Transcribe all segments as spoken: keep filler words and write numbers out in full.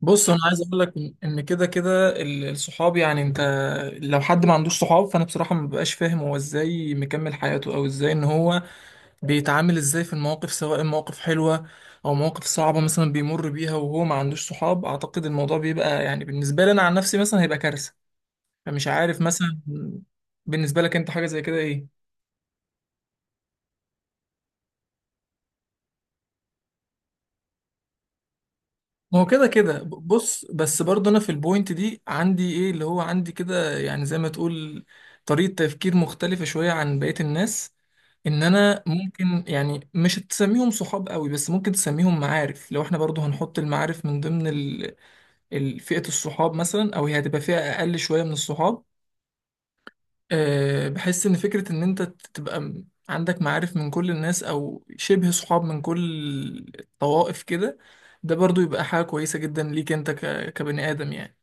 بص، انا عايز اقول لك ان إن كده كده ال- الصحاب. يعني انت لو حد ما عندوش صحاب فانا بصراحه ما ببقاش فاهم هو ازاي مكمل حياته، او ازاي ان هو بيتعامل ازاي في المواقف، سواء مواقف حلوه او مواقف صعبه مثلا بيمر بيها وهو ما عندوش صحاب. اعتقد الموضوع بيبقى يعني بالنسبه لي انا عن نفسي مثلا هيبقى كارثه. فمش عارف مثلا، بالنسبه لك انت حاجه زي كده ايه؟ ما هو كده كده ب- بص، بس برضه انا في البوينت دي عندي ايه اللي هو عندي كده، يعني زي ما تقول طريقة تفكير مختلفة شوية عن بقية الناس. ان انا ممكن يعني مش تسميهم صحاب قوي، بس ممكن تسميهم معارف، لو احنا برضه هنحط المعارف من ضمن ال... ال- فئة الصحاب مثلا، او هي هتبقى فئة اقل شوية من الصحاب. أه، بحس ان فكرة ان انت تبقى م- عندك معارف من كل الناس، او شبه صحاب من كل الطوائف كده، ده برضو يبقى حاجة كويسة جدا ليك انت ك- كبني ادم يعني.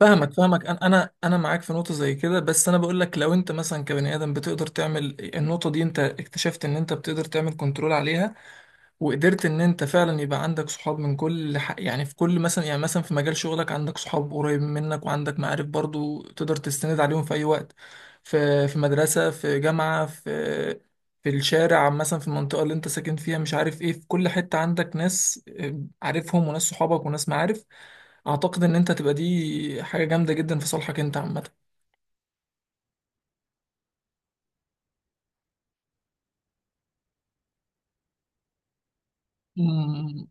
فاهمك فاهمك، انا انا انا معاك في نقطة زي كده، بس انا بقول لك لو انت مثلا كبني ادم بتقدر تعمل النقطة دي، انت اكتشفت ان انت بتقدر تعمل كنترول عليها وقدرت ان انت فعلا يبقى عندك صحاب من كل ح... يعني في كل مثلا، يعني مثلا في مجال شغلك عندك صحاب قريبين منك، وعندك معارف برضو تقدر تستند عليهم في اي وقت، في في مدرسة، في جامعة، في في الشارع مثلا، في المنطقة اللي انت ساكن فيها، مش عارف ايه، في كل حتة عندك ناس آه، عارفهم، وناس صحابك، وناس معارف. اعتقد ان انت تبقى دي حاجة جامدة جدا في صالحك انت. عامة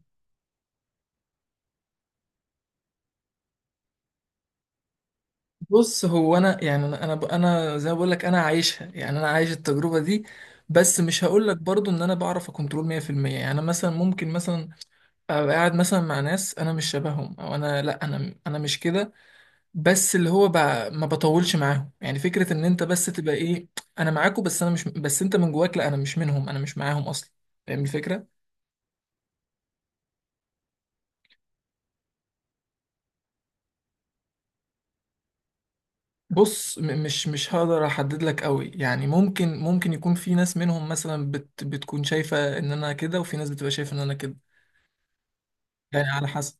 بص، هو انا يعني انا انا ب- أنا زي ما بقول لك انا عايشها، يعني انا عايش التجربه دي، بس مش هقول لك برضو ان انا بعرف اكنترول مية في المية. يعني أنا مثلا ممكن مثلا ابقى قاعد مثلا مع ناس انا مش شبههم، او انا لا، انا انا مش كده، بس اللي هو ب... ما بطولش معاهم. يعني فكره ان انت بس تبقى ايه، انا معاكوا، بس انا مش، بس انت من جواك لا، انا مش منهم، انا مش معاهم اصلا. فاهم الفكره؟ بص م- مش مش هقدر احدد لك قوي، يعني ممكن ممكن يكون في ناس منهم مثلا بت بتكون شايفة ان انا كده، وفي ناس بتبقى شايفة ان انا كده، يعني على حسب.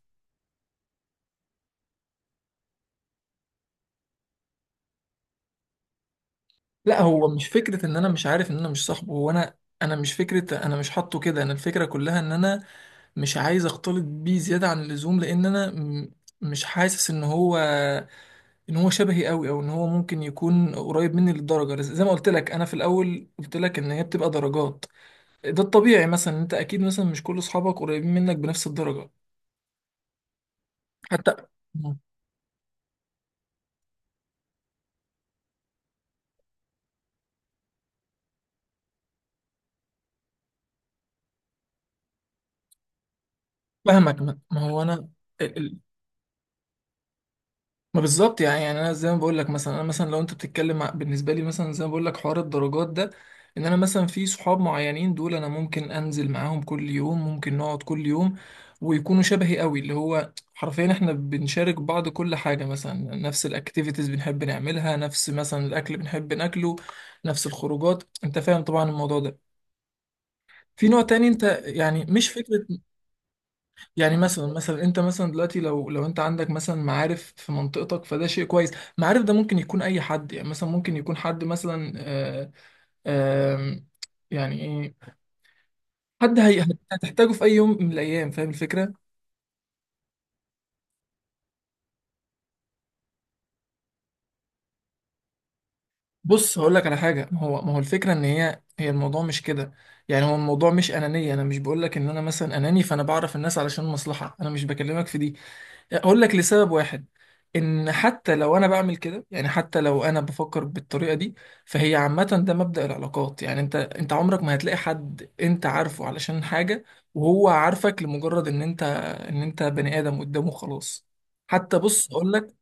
لا، هو مش فكرة ان انا مش عارف ان انا مش صاحبه، هو انا، انا مش فكرة انا مش حاطه كده، انا الفكرة كلها ان انا مش عايز اختلط بيه زيادة عن اللزوم، لان انا م- مش حاسس ان هو، ان هو شبهي قوي، او ان هو ممكن يكون قريب مني للدرجة. زي ما قلت لك، انا في الاول قلت لك ان هي بتبقى درجات، ده الطبيعي. مثلا انت اكيد مثلا مش كل اصحابك قريبين منك بنفس الدرجه، حتى. مم. فاهمك. ما ما هو انا ال- ال- ما بالظبط. يعني يعني انا زي ما بقول لك، مثلا انا مثلا لو انت بتتكلم ع- بالنسبه لي، مثلا زي ما بقول لك حوار الدرجات ده، ان انا مثلا في صحاب معينين دول انا ممكن انزل معاهم كل يوم، ممكن نقعد كل يوم، ويكونوا شبهي قوي، اللي هو حرفيا احنا بنشارك بعض كل حاجه. مثلا نفس الاكتيفيتيز بنحب نعملها، نفس مثلا الاكل بنحب ناكله، نفس الخروجات. انت فاهم طبعا الموضوع ده. في نوع تاني، انت يعني مش فكرة، يعني مثلا، مثلا انت مثلا دلوقتي، لو لو انت عندك مثلا معارف في منطقتك، فده شيء كويس. معارف ده ممكن يكون اي حد، يعني مثلا ممكن يكون حد مثلا آه، آه، يعني ايه، حد هي هتحتاجه في اي يوم من الايام. فاهم الفكرة؟ بص هقول لك على حاجة. ما هو ما هو الفكرة ان هي، هي الموضوع مش كده. يعني هو الموضوع مش انانية، انا مش بقول لك ان انا مثلا اناني، فانا بعرف الناس علشان مصلحة، انا مش بكلمك في دي. اقول لك لسبب واحد، ان حتى لو انا بعمل كده، يعني حتى لو انا بفكر بالطريقه دي، فهي عامه، ده مبدأ العلاقات. يعني انت انت عمرك ما هتلاقي حد انت عارفه علشان حاجه وهو عارفك، لمجرد ان انت، ان انت بني ادم قدامه، خلاص. حتى بص اقول لك،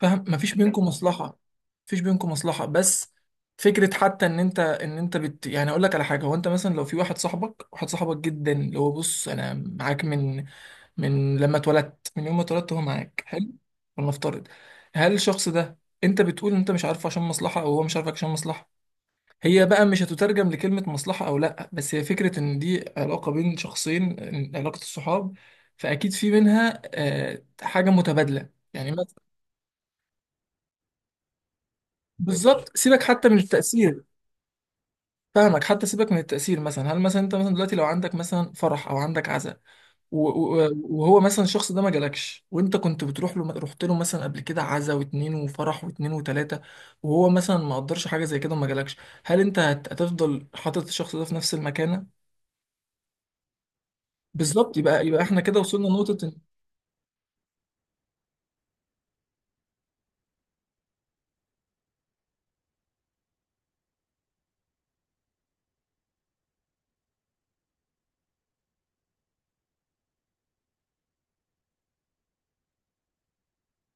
فاهم مفيش بينكم مصلحه، مفيش بينكم مصلحه، بس فكره حتى ان انت، ان انت بت يعني اقول لك على حاجه. هو انت مثلا لو في واحد صاحبك، واحد صاحبك جدا اللي هو بص، انا معاك من، من لما اتولدت من يوم ما اتولدت هو معاك، حلو. ولنفترض، هل الشخص ده، انت بتقول انت مش عارفه عشان مصلحه، او هو مش عارفك عشان مصلحه؟ هي بقى مش هتترجم لكلمه مصلحه او لا، بس هي فكره ان دي علاقه بين شخصين، إن علاقه الصحاب، فاكيد في منها آه، حاجه متبادله. يعني مثلا، ماشي. بالظبط، سيبك حتى من التاثير. فاهمك، حتى سيبك من التاثير. مثلا هل مثلا انت مثلا دلوقتي لو عندك مثلا فرح، او عندك عزاء، و- و- وهو مثلا الشخص ده ما جالكش، وانت كنت بتروح له، رحت له مثلا قبل كده عزا واتنين، وفرح واتنين وتلاته، وهو مثلا ما قدرش حاجه زي كده وما جالكش، هل انت هت- هتفضل حاطط الشخص ده في نفس المكانه؟ بالظبط، يبقى يبقى احنا كده وصلنا لنقطه.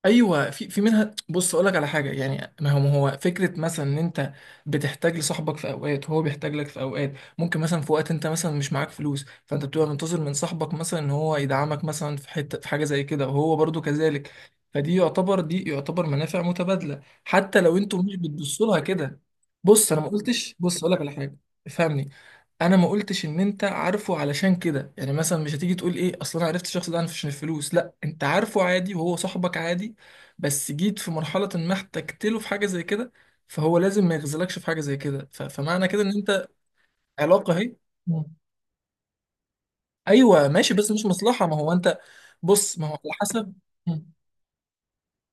ايوه، في في منها. بص اقول لك على حاجه، يعني ما هو ما هو فكره، مثلا ان انت بتحتاج لصاحبك في اوقات، وهو بيحتاج لك في اوقات. ممكن مثلا في وقت انت مثلا مش معاك فلوس، فانت بتبقى منتظر من صاحبك مثلا ان هو يدعمك مثلا في حته، في حاجه زي كده، وهو برضو كذلك. فدي يعتبر، دي يعتبر منافع متبادله، حتى لو انتوا مش بتبصوا لها كده. بص انا ما قلتش، بص اقول لك على حاجه، افهمني. انا ما قلتش ان انت عارفه علشان كده. يعني مثلا مش هتيجي تقول ايه، اصل انا عرفت الشخص ده عشان الفلوس. لا، انت عارفه عادي، وهو صاحبك عادي، بس جيت في مرحلة ما احتجت له في حاجة زي كده، فهو لازم ما يغزلكش في حاجة زي كده. ف- فمعنى كده ان انت، علاقة اهي. مم. ايوه ماشي، بس مش مصلحة. ما هو انت بص، ما هو على حسب. مم.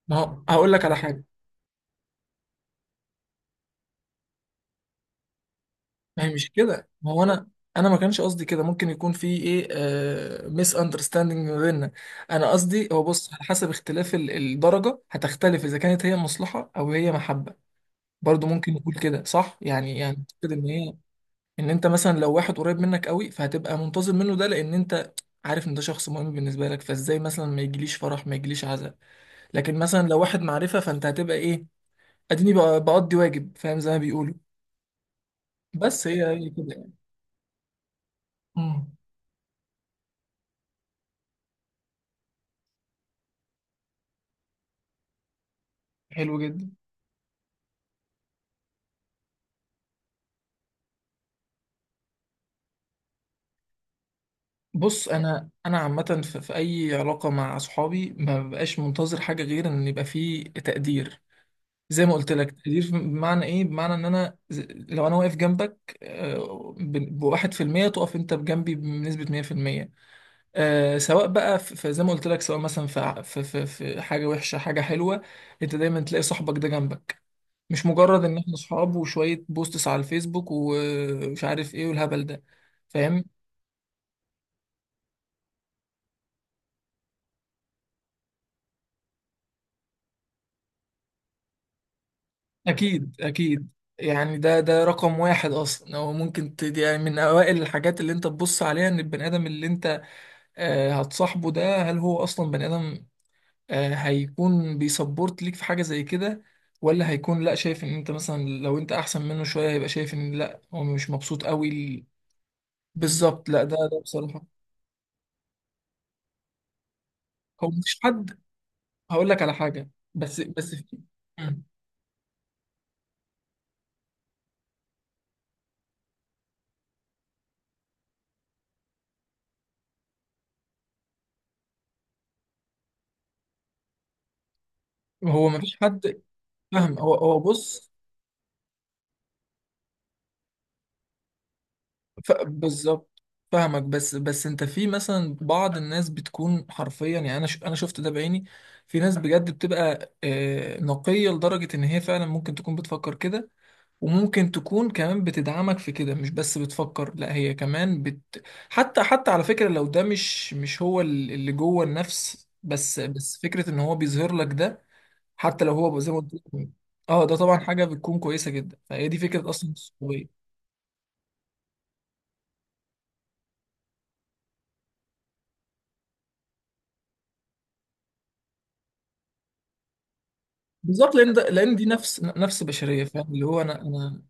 ما هو هقول لك على حاجة. ما هي مش كده. ما هو انا، انا ما كانش قصدي كده. ممكن يكون في ايه آه، ميس اندرستاندينج ما بيننا. انا قصدي هو بص، على حسب اختلاف ال- الدرجه هتختلف، اذا كانت هي مصلحه او هي محبه. برضو ممكن نقول كده صح يعني، يعني كده ان هي، ان انت مثلا لو واحد قريب منك قوي، فهتبقى منتظر منه، ده لان انت عارف ان ده شخص مهم بالنسبه لك. فازاي مثلا ما يجيليش فرح، ما يجيليش عزاء؟ لكن مثلا لو واحد معرفه، فانت هتبقى ايه، اديني بق- بقضي واجب، فاهم زي ما بيقولوا. بس هي هي كده يعني. مم. حلو جدا. بص انا انا عامه في, في اي علاقه مع اصحابي ما ببقاش منتظر حاجه غير ان يبقى فيه تقدير. زي ما قلت لك تقدير، بمعنى ايه؟ بمعنى ان انا ز- لو انا واقف جنبك آه، ب- بواحد في المية، تقف انت بجنبي بنسبه مية في المية. آه، سواء بقى في في- زي ما قلت لك، سواء مثلا في ع- في في في حاجه وحشه، حاجه حلوه، انت دايما تلاقي صاحبك ده جنبك. مش مجرد ان احنا صحاب وشوية بوستس على الفيسبوك، ومش عارف ايه والهبل ده. فاهم؟ أكيد أكيد. يعني ده ده رقم واحد أصلا. هو ممكن ت- دي يعني من أوائل الحاجات اللي أنت تبص عليها، إن البني آدم اللي أنت آه، هتصاحبه ده، هل هو أصلا بني آدم آه، هيكون بيسبورت ليك في حاجة زي كده، ولا هيكون لأ، شايف إن أنت مثلا لو أنت أحسن منه شوية هيبقى شايف إن لأ، هو مش مبسوط قوي ال-. بالظبط، لأ ده ده بصراحة. هو مفيش حد، هقول لك على حاجة بس، بس في- مم. هو مفيش حد، فاهم؟ هو هو بص، ف... بالظبط. فاهمك، بس بس انت في مثلا بعض الناس بتكون حرفيا، يعني انا ش... انا شفت ده بعيني، في ناس بجد بتبقى آه، نقية لدرجة ان هي فعلا ممكن تكون بتفكر كده، وممكن تكون كمان بتدعمك في كده، مش بس بتفكر، لا هي كمان بت... حتى حتى على فكرة، لو ده مش، مش هو ال- اللي جوه النفس، بس بس فكرة ان هو بيظهر لك ده، حتى لو هو زي ما قلت لك. اه ده طبعا حاجة بتكون كويسة جدا، فهي دي فكرة اصلا الصحوبية. بالظبط، لان ده، لان دي نفس، نفس بشريه. فاهم اللي هو انا انا،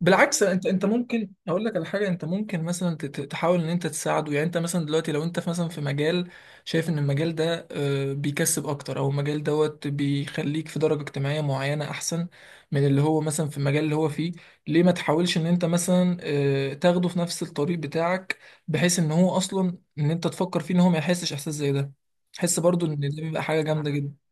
بالعكس، انت انت ممكن اقول لك على حاجه، انت ممكن مثلا ت- ت- تحاول ان انت تساعده. يعني انت مثلا دلوقتي لو انت في- مثلا في مجال شايف ان المجال ده آه، بيكسب اكتر، او المجال دوت بيخليك في درجه اجتماعيه معينه احسن من اللي هو مثلا في المجال اللي هو فيه، ليه ما تحاولش ان انت مثلا آه، تاخده في نفس الطريق بتاعك، بحيث ان هو اصلا، ان انت تفكر فيه ان هو ما يحسش احساس زي ده، تحس برضو ان دي بيبقى حاجه جامده جدا.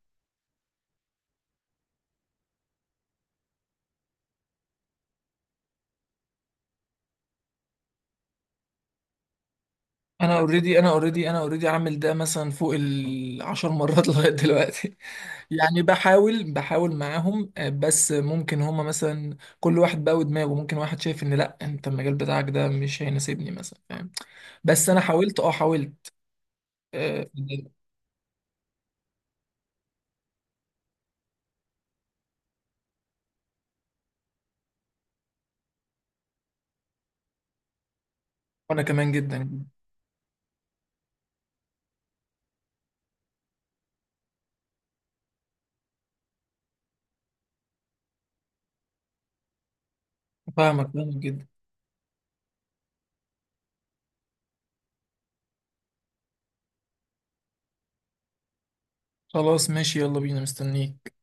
انا اوريدي انا اوريدي انا اوريدي عامل ده مثلا فوق العشر مرات لغايه دلوقتي. يعني بحاول بحاول معاهم آه، بس ممكن هما مثلا كل واحد بقى ودماغه، ممكن واحد شايف ان لا، انت المجال بتاعك ده مش هيناسبني مثلا، فاهم؟ بس انا حاولت، اه حاولت. آه، وانا كمان جدا. فاهمك فاهمك جدا. خلاص ماشي، يلا بينا، مستنيك.